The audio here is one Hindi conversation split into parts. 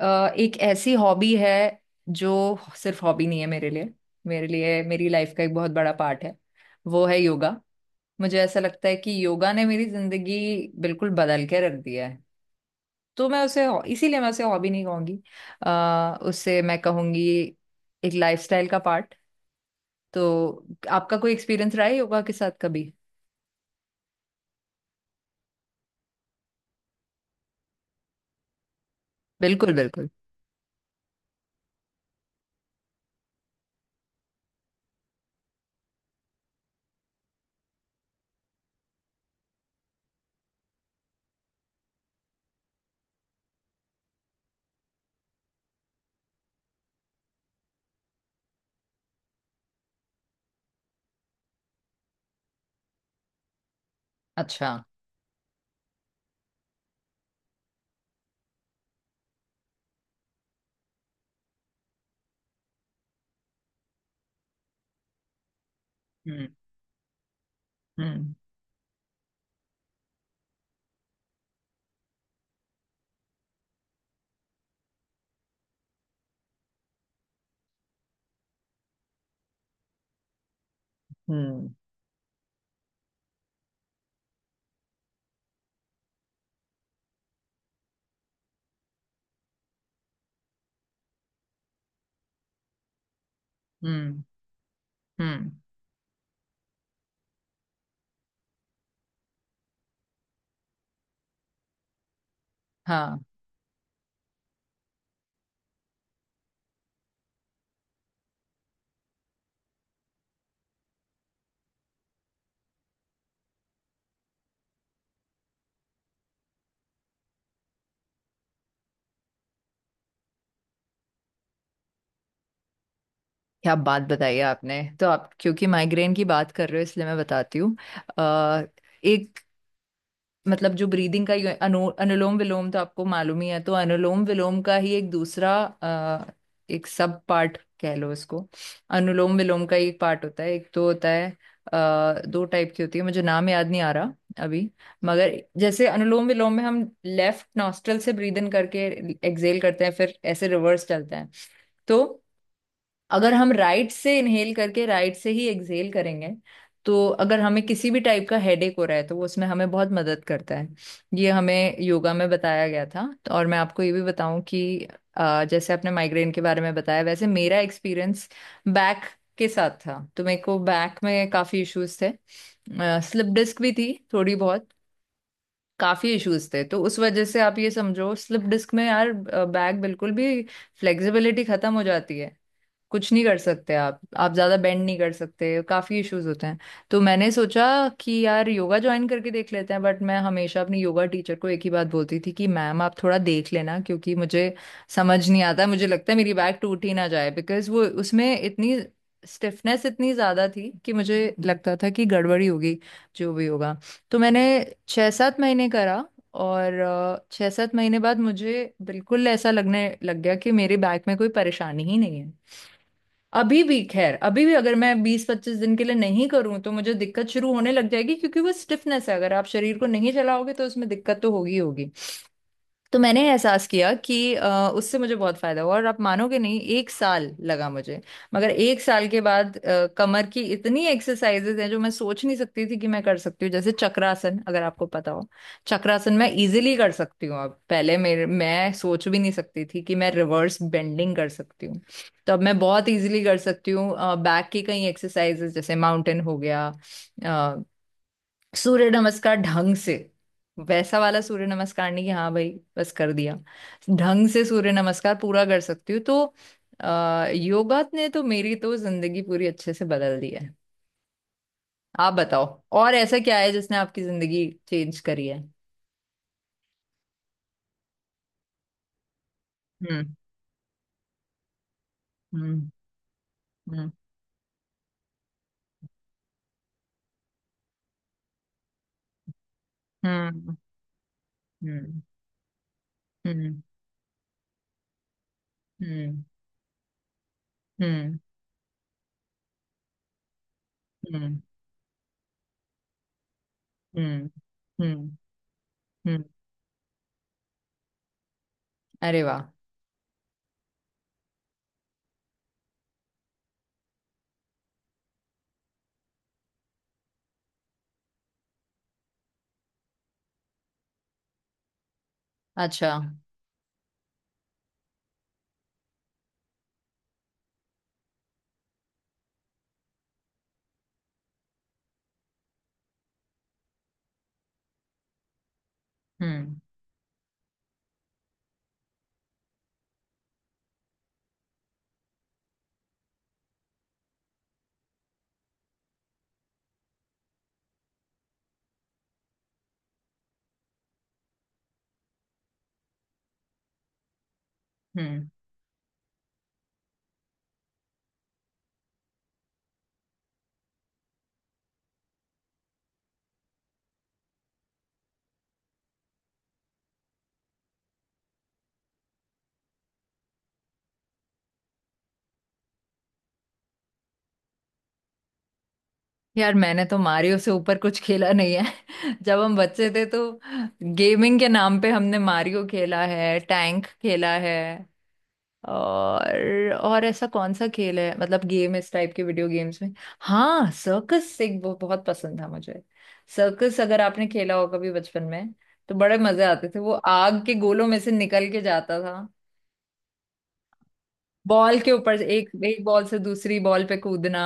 अ, एक ऐसी हॉबी है जो सिर्फ हॉबी नहीं है मेरे लिए। मेरे लिए मेरी लाइफ का एक बहुत बड़ा पार्ट है वो है योगा। मुझे ऐसा लगता है कि योगा ने मेरी जिंदगी बिल्कुल बदल के रख दिया है। तो मैं उसे इसीलिए मैं उसे हॉबी नहीं कहूंगी। उसे मैं कहूंगी एक लाइफस्टाइल का पार्ट। तो आपका कोई एक्सपीरियंस रहा है योगा के साथ कभी। बिल्कुल बिल्कुल। अच्छा। हम्म। हम्म। हम्म। हम्म। हम्म। हाँ। क्या बात बताई आपने! तो आप क्योंकि माइग्रेन की बात कर रहे हो इसलिए मैं बताती हूँ। अ, एक मतलब जो ब्रीदिंग का अनुलोम विलोम तो आपको मालूम ही है, तो अनुलोम विलोम का ही एक दूसरा एक सब पार्ट कह लो इसको। अनुलोम विलोम का एक पार्ट होता है, एक तो होता है दो टाइप की होती है, मुझे नाम याद नहीं आ रहा अभी। मगर जैसे अनुलोम विलोम में हम लेफ्ट नॉस्ट्रल से ब्रीद इन करके एक्सेल करते हैं फिर ऐसे रिवर्स चलते हैं। तो अगर हम राइट से इनहेल करके राइट से ही एक्सहेल करेंगे तो अगर हमें किसी भी टाइप का हेडेक हो रहा है तो वो उसमें हमें बहुत मदद करता है। ये हमें योगा में बताया गया था। तो और मैं आपको ये भी बताऊं कि जैसे आपने माइग्रेन के बारे में बताया वैसे मेरा एक्सपीरियंस बैक के साथ था। तो मेरे को बैक में काफ़ी इश्यूज थे। स्लिप डिस्क भी थी थोड़ी बहुत, काफ़ी इश्यूज थे। तो उस वजह से आप ये समझो, स्लिप डिस्क में यार बैक बिल्कुल भी फ्लेक्सिबिलिटी ख़त्म हो जाती है। कुछ नहीं कर सकते आप ज्यादा बेंड नहीं कर सकते, काफी इश्यूज होते हैं। तो मैंने सोचा कि यार योगा ज्वाइन करके देख लेते हैं। बट मैं हमेशा अपनी योगा टीचर को एक ही बात बोलती थी कि मैम आप थोड़ा देख लेना, क्योंकि मुझे समझ नहीं आता, मुझे लगता है मेरी बैक टूट ही ना जाए, बिकॉज वो उसमें इतनी स्टिफनेस इतनी ज्यादा थी कि मुझे लगता था कि गड़बड़ी होगी, जो भी होगा। तो मैंने 6-7 महीने करा। और 6-7 महीने बाद मुझे बिल्कुल ऐसा लगने लग गया कि मेरे बैक में कोई परेशानी ही नहीं है। अभी भी अगर मैं 20-25 दिन के लिए नहीं करूं तो मुझे दिक्कत शुरू होने लग जाएगी, क्योंकि वो स्टिफनेस है, अगर आप शरीर को नहीं चलाओगे तो उसमें दिक्कत तो होगी ही होगी। तो मैंने एहसास किया कि उससे मुझे बहुत फायदा हुआ, और आप मानोगे नहीं एक साल लगा मुझे। मगर एक साल के बाद कमर की इतनी एक्सरसाइजेज हैं जो मैं सोच नहीं सकती थी कि मैं कर सकती हूँ। जैसे चक्रासन, अगर आपको पता हो, चक्रासन मैं इजीली कर सकती हूँ अब। पहले मेरे मैं सोच भी नहीं सकती थी कि मैं रिवर्स बेंडिंग कर सकती हूँ। तो अब मैं बहुत इजीली कर सकती हूँ। बैक की कई एक्सरसाइजेज, जैसे माउंटेन हो गया, सूर्य नमस्कार ढंग से। वैसा वाला सूर्य नमस्कार नहीं कि हाँ भाई बस कर दिया, ढंग से सूर्य नमस्कार पूरा कर सकती हूँ। तो योगा ने तो मेरी तो जिंदगी पूरी अच्छे से बदल दी है। आप बताओ, और ऐसा क्या है जिसने आपकी जिंदगी चेंज करी है। हम्म। हम्म। हम्म। हम्म। हम्म। हम्म। हम्म। हम्म। हम्म। हम्म। हम्म। हम्म। अरे वाह! अच्छा। हम्म। हम्म। यार मैंने तो मारियो से ऊपर कुछ खेला नहीं। जब हम बच्चे थे तो गेमिंग के नाम पे हमने मारियो खेला है, टैंक खेला है। और ऐसा कौन सा खेल है, मतलब गेम, इस टाइप के वीडियो गेम्स में। हाँ सर्कस, एक वो बहुत पसंद था मुझे। सर्कस अगर आपने खेला हो कभी बचपन में, तो बड़े मजे आते थे, वो आग के गोलों में से निकल के जाता था। बॉल के ऊपर से- एक एक बॉल से दूसरी बॉल पे कूदना,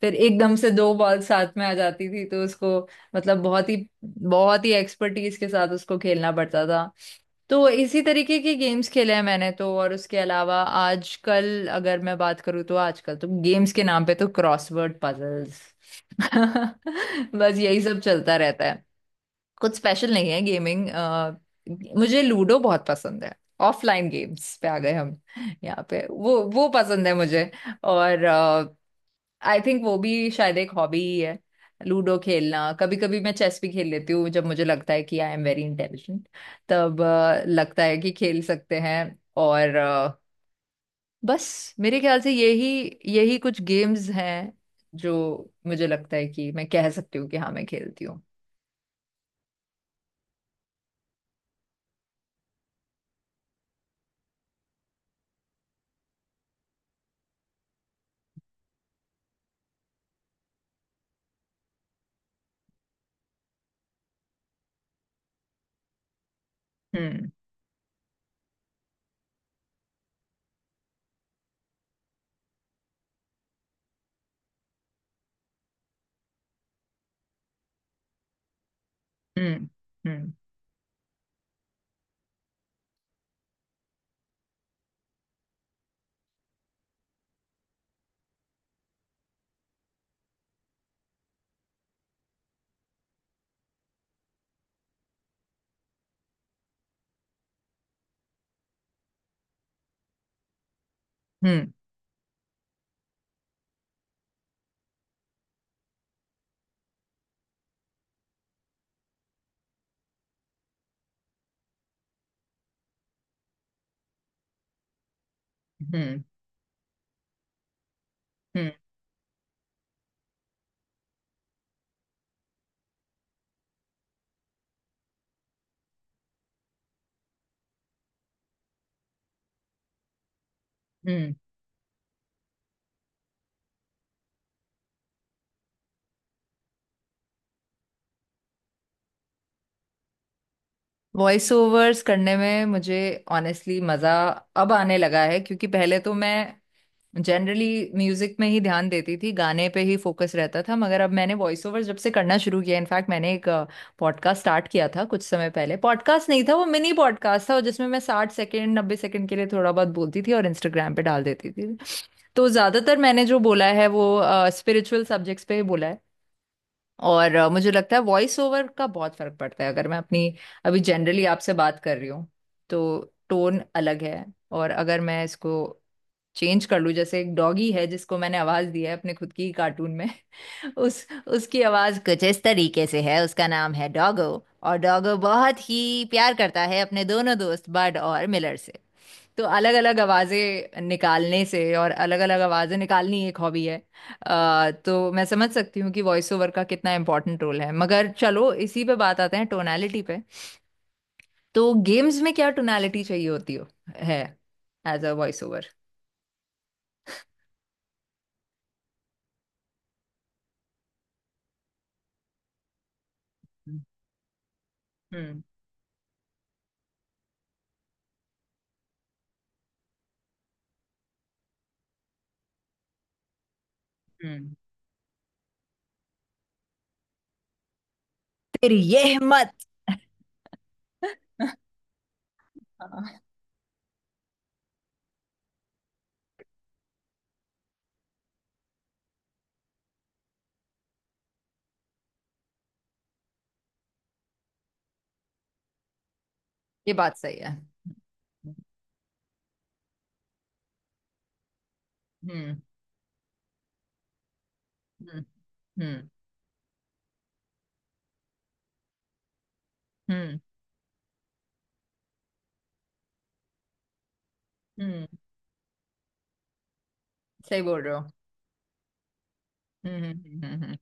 फिर एकदम से दो बॉल साथ में आ जाती थी तो उसको मतलब बहुत ही एक्सपर्टीज के साथ उसको खेलना पड़ता था। तो इसी तरीके के गेम्स खेले हैं मैंने तो, और उसके अलावा आजकल अगर मैं बात करूँ तो आजकल तो गेम्स के नाम पे तो क्रॉसवर्ड पजल्स बस यही सब चलता रहता है। कुछ स्पेशल नहीं है गेमिंग। मुझे लूडो बहुत पसंद है। ऑफलाइन गेम्स पे आ गए हम, यहाँ पे वो पसंद है मुझे। और आई थिंक वो भी शायद एक हॉबी ही है, लूडो खेलना। कभी कभी मैं चेस भी खेल लेती हूँ, जब मुझे लगता है कि आई एम वेरी इंटेलिजेंट, तब लगता है कि खेल सकते हैं। और बस मेरे ख्याल से यही, कुछ गेम्स हैं जो मुझे लगता है कि मैं कह सकती हूँ कि हाँ मैं खेलती हूँ। हम्म। हम्म। हम्म। हम्म। हम्म। हम्म। हम्म। वॉइस ओवर्स करने में मुझे ऑनेस्टली मजा अब आने लगा है, क्योंकि पहले तो मैं जनरली म्यूजिक में ही ध्यान देती थी, गाने पे ही फोकस रहता था। मगर अब मैंने वॉइस ओवर जब से करना शुरू किया, इनफैक्ट मैंने एक पॉडकास्ट स्टार्ट किया था कुछ समय पहले। पॉडकास्ट नहीं था, वो मिनी पॉडकास्ट था, और जिसमें मैं 60 सेकेंड 90 सेकेंड के लिए थोड़ा बहुत बोलती थी और इंस्टाग्राम पे डाल देती थी। तो ज्यादातर मैंने जो बोला है वो स्पिरिचुअल सब्जेक्ट्स पे ही बोला है। और मुझे लगता है वॉइस ओवर का बहुत फर्क पड़ता है। अगर मैं अपनी अभी जनरली आपसे बात कर रही हूँ तो टोन अलग है, और अगर मैं इसको चेंज कर लूं। जैसे एक डॉगी है जिसको मैंने आवाज दी है अपने खुद की कार्टून में। उस उसकी आवाज कुछ इस तरीके से है, उसका नाम है डॉगो, और डॉगो बहुत ही प्यार करता है अपने दोनों दोस्त बड और मिलर से। तो अलग अलग आवाज़ें निकालने से, और अलग अलग आवाज़ें निकालनी एक हॉबी है। तो मैं समझ सकती हूँ कि वॉइस ओवर का कितना इम्पोर्टेंट रोल है। मगर चलो इसी पे बात आते हैं, टोनालिटी पे। तो गेम्स में क्या टोनालिटी चाहिए होती हो है, एज अ वॉइस ओवर। हम्म। हम्म। फिर ये हिम्मत। हाँ। ये बात सही है। हम्म। हम्म। हम्म। हम्म। हम्म, सही बोल रहे हो। हम्म। हम्म। हम्म। हम्म। हम्म।